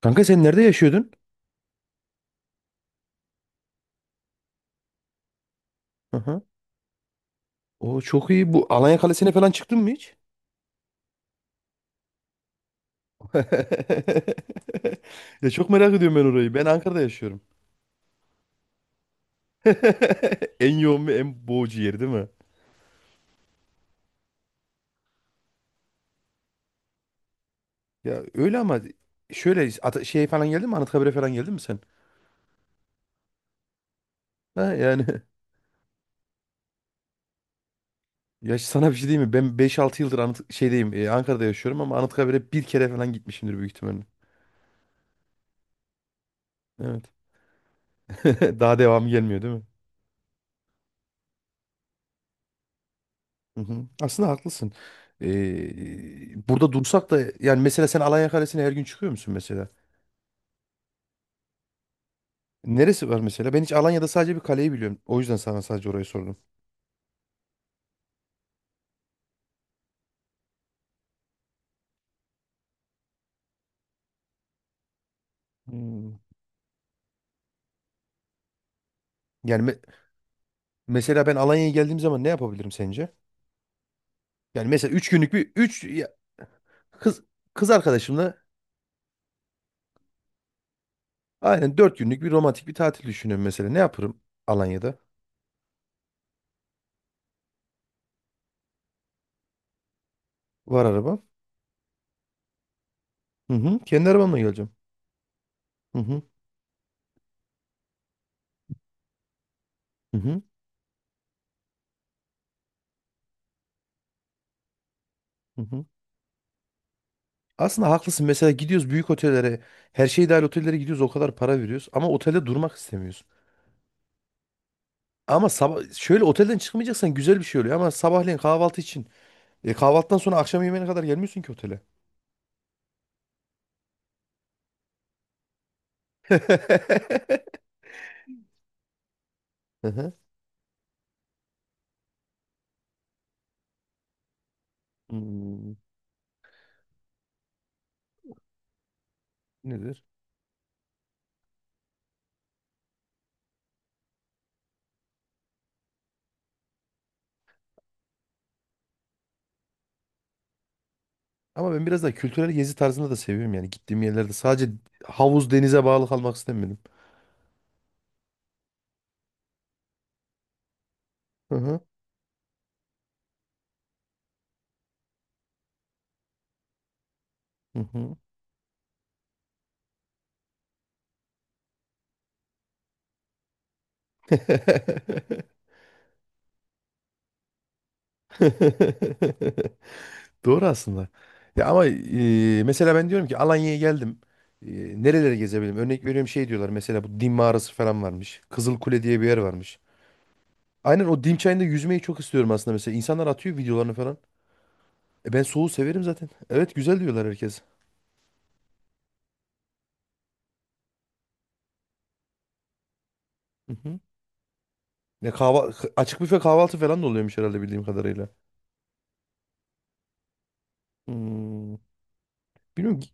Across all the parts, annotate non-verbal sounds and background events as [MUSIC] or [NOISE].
Kanka sen nerede yaşıyordun? Aha. O çok iyi. Bu Alanya Kalesi'ne falan çıktın mı hiç? [LAUGHS] Ya çok merak ediyorum ben orayı. Ben Ankara'da yaşıyorum. [LAUGHS] En yoğun ve en boğucu yeri değil mi? Ya öyle ama şöyle şey falan geldi mi? Anıtkabir'e falan geldin mi sen? Ha yani [LAUGHS] ya sana bir şey diyeyim mi? Ben 5-6 yıldır Anıt şeydeyim. Ankara'da yaşıyorum ama Anıtkabir'e bir kere falan gitmişimdir büyük ihtimalle. Evet. [LAUGHS] Daha devamı gelmiyor değil mi? Hı hı. Aslında haklısın. Burada dursak da yani mesela sen Alanya Kalesi'ne her gün çıkıyor musun mesela? Neresi var mesela? Ben hiç Alanya'da sadece bir kaleyi biliyorum. O yüzden sana sadece orayı sordum. Hmm. Yani me- Mesela ben Alanya'ya geldiğim zaman ne yapabilirim sence? Yani mesela 3 günlük bir 3 kız kız arkadaşımla aynen 4 günlük bir romantik bir tatil düşünüyorum mesela. Ne yaparım Alanya'da? Var arabam. Hı hı. Kendi arabamla geleceğim. Hı hı. Hı hı. Hı hı. Aslında haklısın. Mesela gidiyoruz büyük otellere, her şey dahil otellere gidiyoruz, o kadar para veriyoruz ama otelde durmak istemiyoruz. Ama sabah şöyle otelden çıkmayacaksan güzel bir şey oluyor ama sabahleyin kahvaltı için kahvaltıdan sonra akşam yemeğine kadar gelmiyorsun ki otele. [LAUGHS] Hı hı. Hmm, nedir? Ama ben biraz daha kültürel gezi tarzında da seviyorum yani gittiğim yerlerde sadece havuz denize bağlı kalmak istemedim. Hı hı. Hı hı. [LAUGHS] Doğru aslında. Ya ama mesela ben diyorum ki Alanya'ya geldim. E, Nereleri gezebilirim? Örnek veriyorum şey diyorlar mesela bu Dim mağarası falan varmış. Kızılkule diye bir yer varmış. Aynen o Dim çayında yüzmeyi çok istiyorum aslında mesela. İnsanlar atıyor videolarını falan. Ben soğuğu severim zaten. Evet güzel diyorlar herkes. Hı hı. Ya açık büfe kahvaltı falan da oluyormuş herhalde bildiğim kadarıyla. Hmm. Bilmiyorum ki-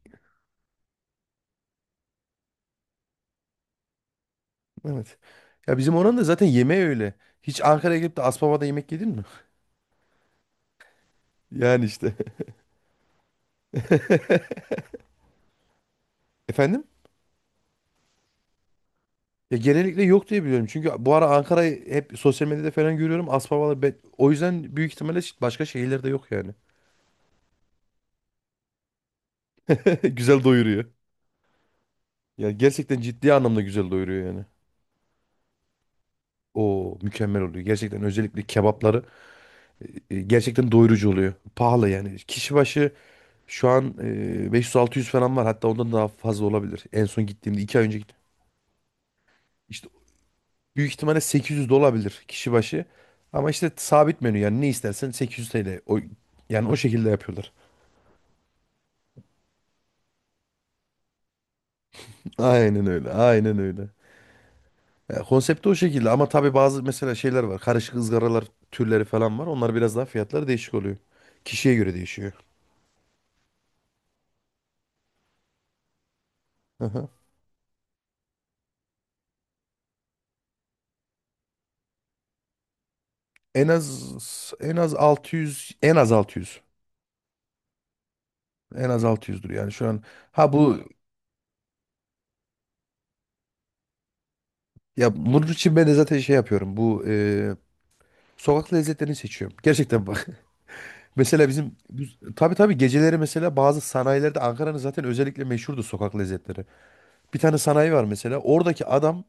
Evet. Ya bizim oranın da zaten yemeği öyle. Hiç Ankara'ya gelip de Aspava'da yemek yedin mi? [LAUGHS] Yani işte. [LAUGHS] Efendim? Ya genellikle yok diye biliyorum. Çünkü bu ara Ankara'yı hep sosyal medyada falan görüyorum. Aspavalar o yüzden büyük ihtimalle başka şehirlerde yok yani. [LAUGHS] Güzel doyuruyor. Ya gerçekten ciddi anlamda güzel doyuruyor yani. O mükemmel oluyor. Gerçekten özellikle kebapları gerçekten doyurucu oluyor. Pahalı yani. Kişi başı şu an 500-600 falan var. Hatta ondan daha fazla olabilir. En son gittiğimde 2 ay önce gittim. İşte büyük ihtimalle 800 de olabilir kişi başı. Ama işte sabit menü yani ne istersen 800 TL. O, yani o şekilde yapıyorlar. Aynen öyle. Aynen öyle. Ya, konsepti o şekilde ama tabii bazı mesela şeyler var. Karışık ızgaralar türleri falan var. Onlar biraz daha fiyatları değişik oluyor. Kişiye göre değişiyor. Aha. En az en az 600, en az 600, en az 600'dür yani şu an. Ha bu ya bunun için ben de zaten şey yapıyorum. Bu sokak lezzetlerini seçiyorum. Gerçekten bak. [LAUGHS] Mesela bizim tabii tabii geceleri mesela bazı sanayilerde Ankara'nın zaten özellikle meşhurdu sokak lezzetleri. Bir tane sanayi var mesela. Oradaki adam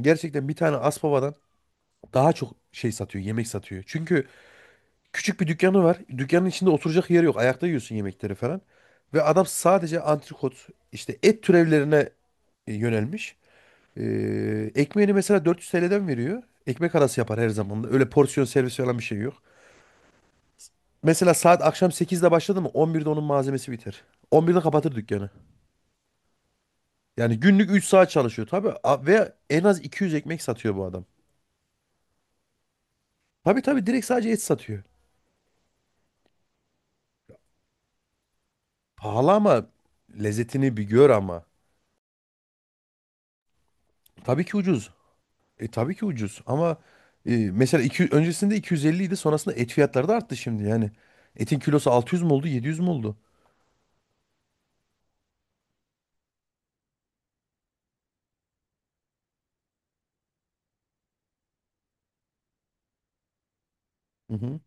gerçekten bir tane Aspava'dan daha çok şey satıyor, yemek satıyor. Çünkü küçük bir dükkanı var. Dükkanın içinde oturacak yer yok. Ayakta yiyorsun yemekleri falan. Ve adam sadece antrikot, işte et türevlerine yönelmiş. Ekmeğini mesela 400 TL'den veriyor. Ekmek arası yapar her zaman. Öyle porsiyon servis falan bir şey yok. Mesela saat akşam 8'de başladı mı 11'de onun malzemesi biter. 11'de kapatır dükkanı. Yani günlük 3 saat çalışıyor tabii. Ve en az 200 ekmek satıyor bu adam. Tabii tabii direkt sadece et satıyor. Pahalı ama lezzetini bir gör ama. Tabii ki ucuz. Tabii ki ucuz ama mesela öncesinde 250 idi sonrasında et fiyatları da arttı şimdi yani. Etin kilosu 600 mü oldu 700 mü oldu? Hı hı.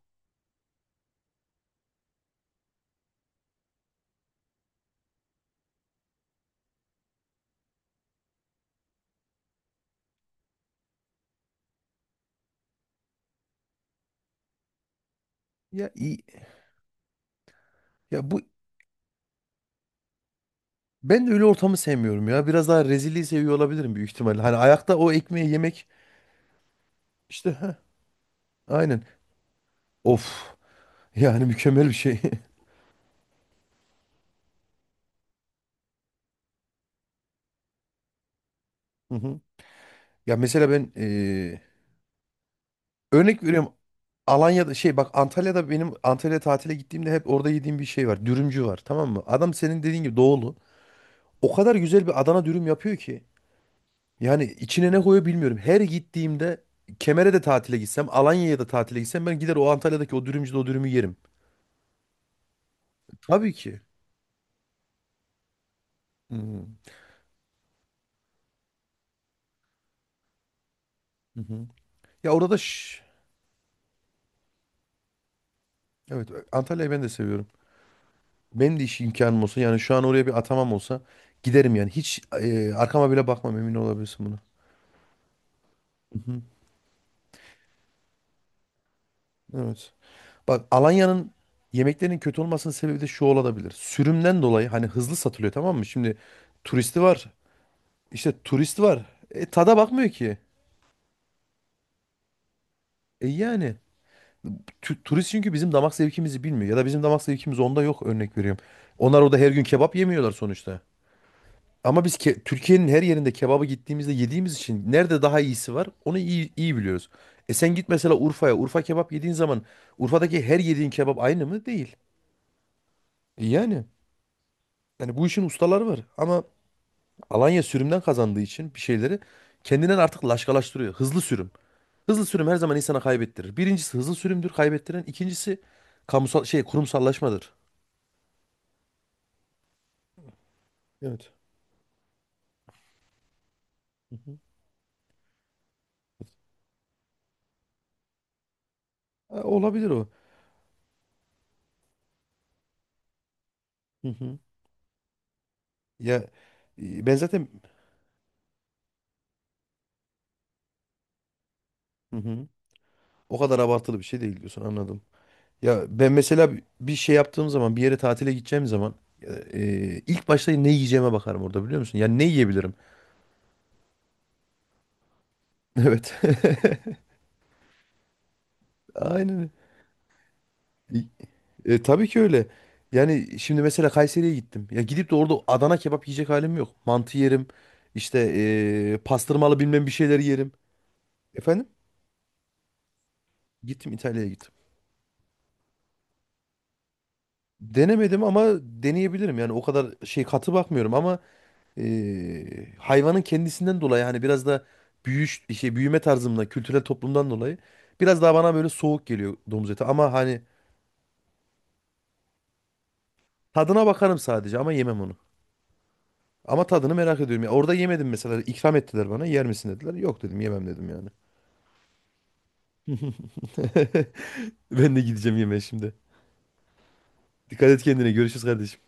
Ya iyi. Ya ben de öyle ortamı sevmiyorum ya. Biraz daha rezilliği seviyor olabilirim büyük ihtimalle. Hani ayakta o ekmeği yemek işte aynen. Of yani mükemmel bir şey. [LAUGHS] Hı hı. Ya mesela ben örnek veriyorum Alanya'da şey bak Antalya'da benim Antalya tatile gittiğimde hep orada yediğim bir şey var. Dürümcü var tamam mı? Adam senin dediğin gibi doğulu. O kadar güzel bir Adana dürüm yapıyor ki. Yani içine ne koyuyor bilmiyorum. Her gittiğimde Kemer'e de tatile gitsem, Alanya'ya da tatile gitsem ben gider o Antalya'daki o dürümcüde o dürümü yerim. Tabii ki. Hı hı. Hı hı. Ya orada da evet Antalya'yı ben de seviyorum. Benim de iş imkanım olsa yani şu an oraya bir atamam olsa giderim yani. Hiç arkama bile bakmam emin olabilirsin buna. Hı hı. Evet. Bak Alanya'nın yemeklerinin kötü olmasının sebebi de şu olabilir. Sürümden dolayı hani hızlı satılıyor tamam mı? Şimdi turisti var. İşte turist var. Tada bakmıyor ki. Yani turist çünkü bizim damak zevkimizi bilmiyor. Ya da bizim damak zevkimiz onda yok örnek veriyorum. Onlar orada her gün kebap yemiyorlar sonuçta. Ama biz Türkiye'nin her yerinde kebabı gittiğimizde yediğimiz için nerede daha iyisi var onu iyi, iyi biliyoruz. Sen git mesela Urfa'ya. Urfa kebap yediğin zaman Urfa'daki her yediğin kebap aynı mı? Değil. Yani. Yani bu işin ustaları var. Ama Alanya sürümden kazandığı için bir şeyleri kendinden artık laşkalaştırıyor. Hızlı sürüm. Hızlı sürüm her zaman insana kaybettirir. Birincisi hızlı sürümdür kaybettiren. İkincisi kamusal şey kurumsallaşmadır. Evet. Hı hı. Ha, olabilir o. Hı hı. Ya ben zaten. Hı hı. O kadar abartılı bir şey değil diyorsun anladım. Ya ben mesela bir şey yaptığım zaman bir yere tatile gideceğim zaman ilk başta ne yiyeceğime bakarım orada biliyor musun? Yani ne yiyebilirim? [LAUGHS] Evet. [LAUGHS] Aynen. Tabii ki öyle. Yani şimdi mesela Kayseri'ye gittim. Ya gidip de orada Adana kebap yiyecek halim yok. Mantı yerim. İşte pastırmalı bilmem bir şeyler yerim. Efendim? Gittim İtalya'ya gittim. Denemedim ama deneyebilirim. Yani o kadar şey katı bakmıyorum ama hayvanın kendisinden dolayı hani biraz da büyüş şey büyüme tarzımdan, kültürel toplumdan dolayı biraz daha bana böyle soğuk geliyor domuz eti ama hani tadına bakarım sadece ama yemem onu. Ama tadını merak ediyorum. Ya orada yemedim mesela. İkram ettiler bana. Yer misin dediler. Yok dedim yemem dedim yani. [LAUGHS] Ben de gideceğim yemeğe şimdi. Dikkat et kendine. Görüşürüz kardeşim.